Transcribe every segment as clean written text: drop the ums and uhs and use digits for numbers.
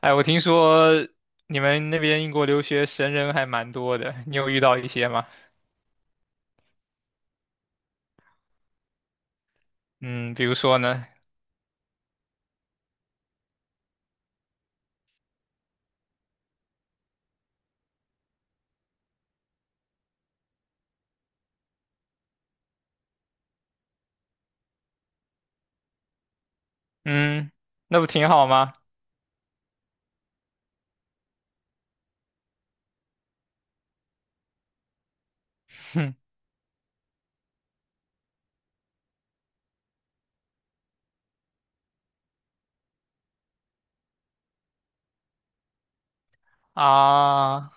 哎，我听说你们那边英国留学神人还蛮多的，你有遇到一些吗？嗯，比如说呢？嗯，那不挺好吗？啊，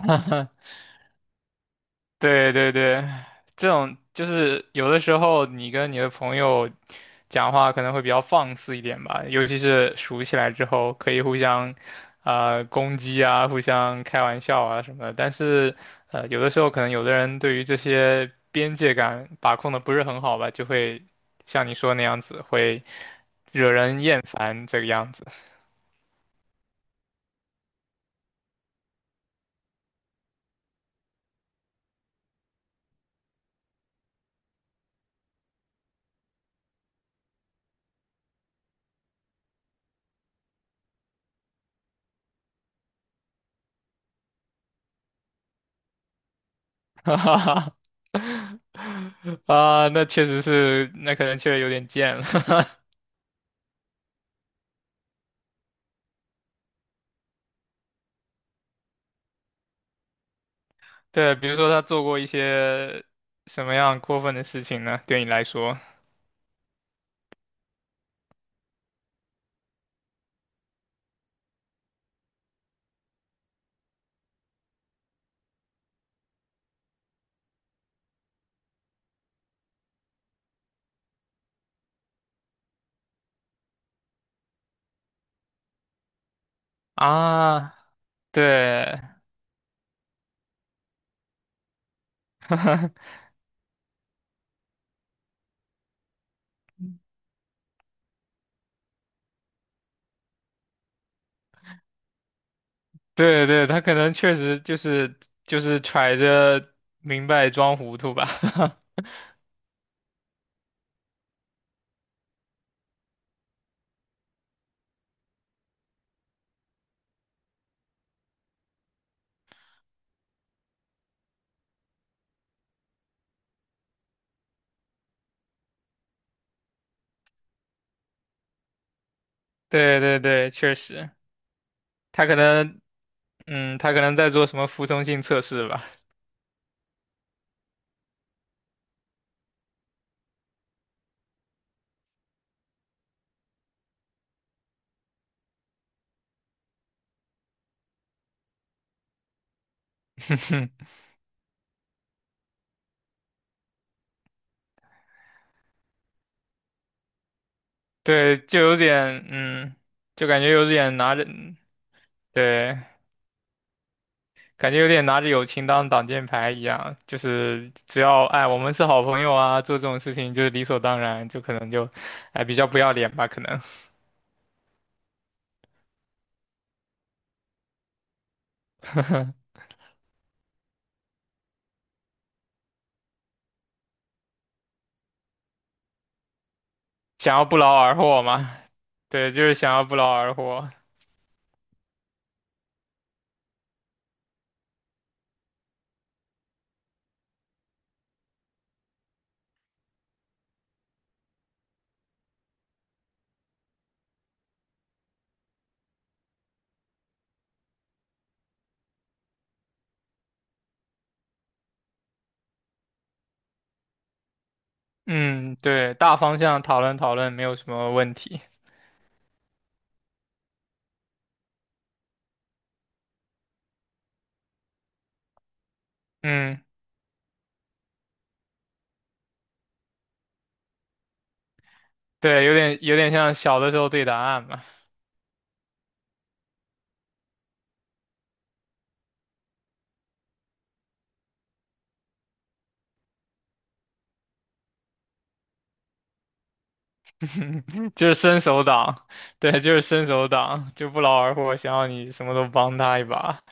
对对对，这种就是有的时候你跟你的朋友讲话可能会比较放肆一点吧，尤其是熟起来之后，可以互相攻击啊，互相开玩笑啊什么的。但是有的时候可能有的人对于这些边界感把控的不是很好吧，就会像你说那样子，会惹人厌烦这个样子。哈哈哈啊，那确实是，那可能确实有点贱了。对，比如说他做过一些什么样过分的事情呢？对你来说啊，对对对，他可能确实就是就是揣着明白装糊涂吧。对对对，确实，他可能嗯，他可能在做什么服从性测试吧。对，就有点嗯，就感觉有点拿着嗯对。感觉有点拿着友情当挡箭牌一样，就是只要哎我们是好朋友啊，做这种事情就是理所当然，就可能就哎比较不要脸吧，可能 想要不劳而获嘛，对，就是想要不劳而获。嗯，对，大方向讨论讨论没有什么问题。嗯，对，有点有点像小的时候对答案嘛，就是伸手党，对，就是伸手党，就不劳而获，想要你什么都帮他一把。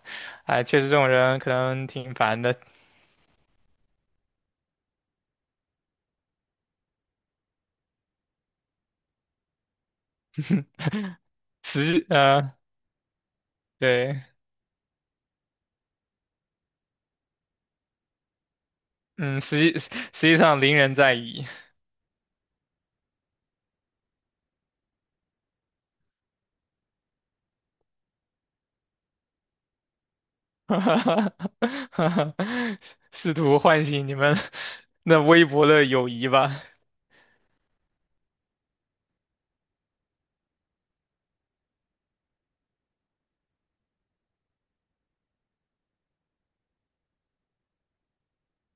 哎，确实这种人可能挺烦的。实呃对，嗯，实际实际上邻人在矣，试图唤醒你们那微薄的友谊吧。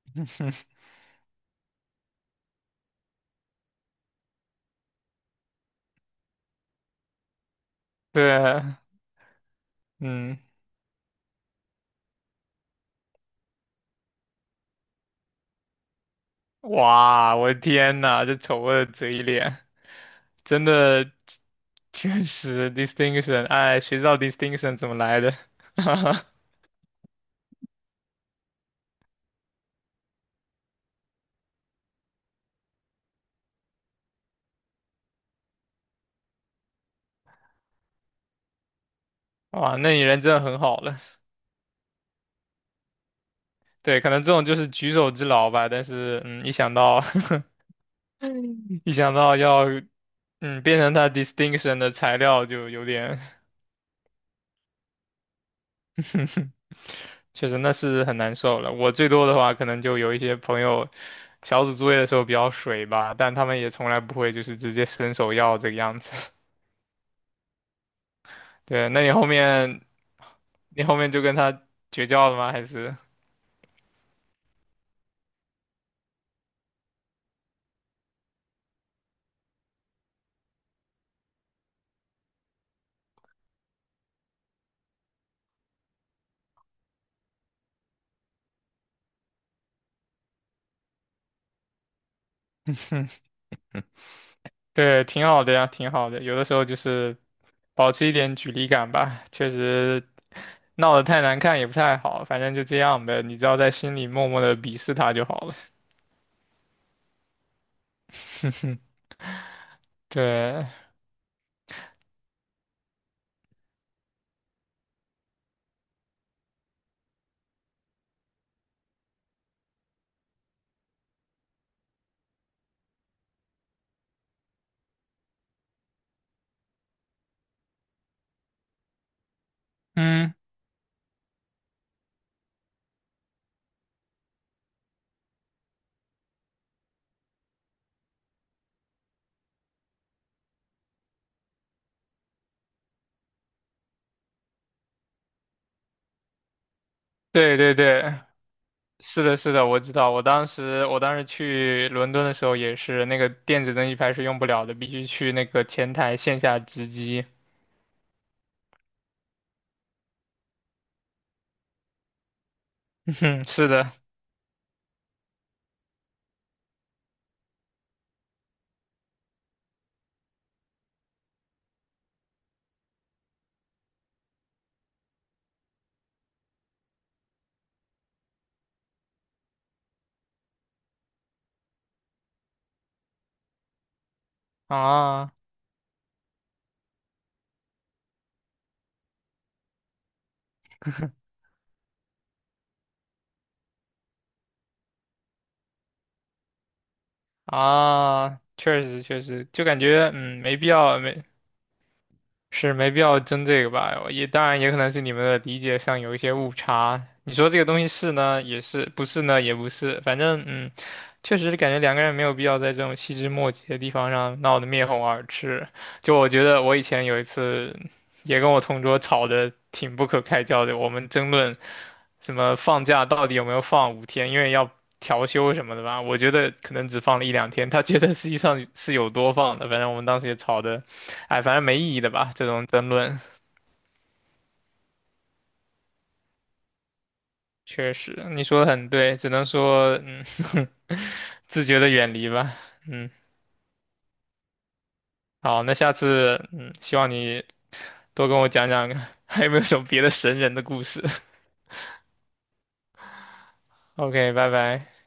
对，嗯，哇，我的天呐，这丑恶的嘴脸，真的确实 distinction，哎，谁知道 distinction 怎么来的？哇，那你人真的很好了。对，可能这种就是举手之劳吧，但是嗯，一想到 一想到要嗯，变成他 distinction 的材料就有点 确实那是很难受了。我最多的话，可能就有一些朋友小组作业的时候比较水吧，但他们也从来不会就是直接伸手要这个样子。对，那你后面你后面就跟他绝交了吗？还是？对，挺好的呀，挺好的。有的时候就是保持一点距离感吧，确实闹得太难看也不太好，反正就这样呗。你只要在心里默默的鄙视他就好了。嗯哼，对，嗯，对对对，是的，是的，我知道。我当时，我当时去伦敦的时候也是，那个电子登机牌是用不了的，必须去那个前台线下值机。嗯哼，是的，啊啊，确实确实，就感觉没必要没是没必要争这个吧？也当然也可能是你们的理解上有一些误差。你说这个东西是呢，也是；不是呢，也不是。反正嗯，确实是感觉两个人没有必要在这种细枝末节的地方上闹得面红耳赤。就我觉得我以前有一次也跟我同桌吵得挺不可开交的，我们争论什么放假到底有没有放5天，因为要调休什么的吧。我觉得可能只放了1两天，他觉得实际上是有多放的。反正我们当时也吵得。哎，反正没意义的吧，这种争论，确实，你说的很对，只能说，嗯，自觉的远离吧，嗯，好，那下次，嗯，希望你多跟我讲讲 还有没有什么别的神人的故事 ？OK，拜拜。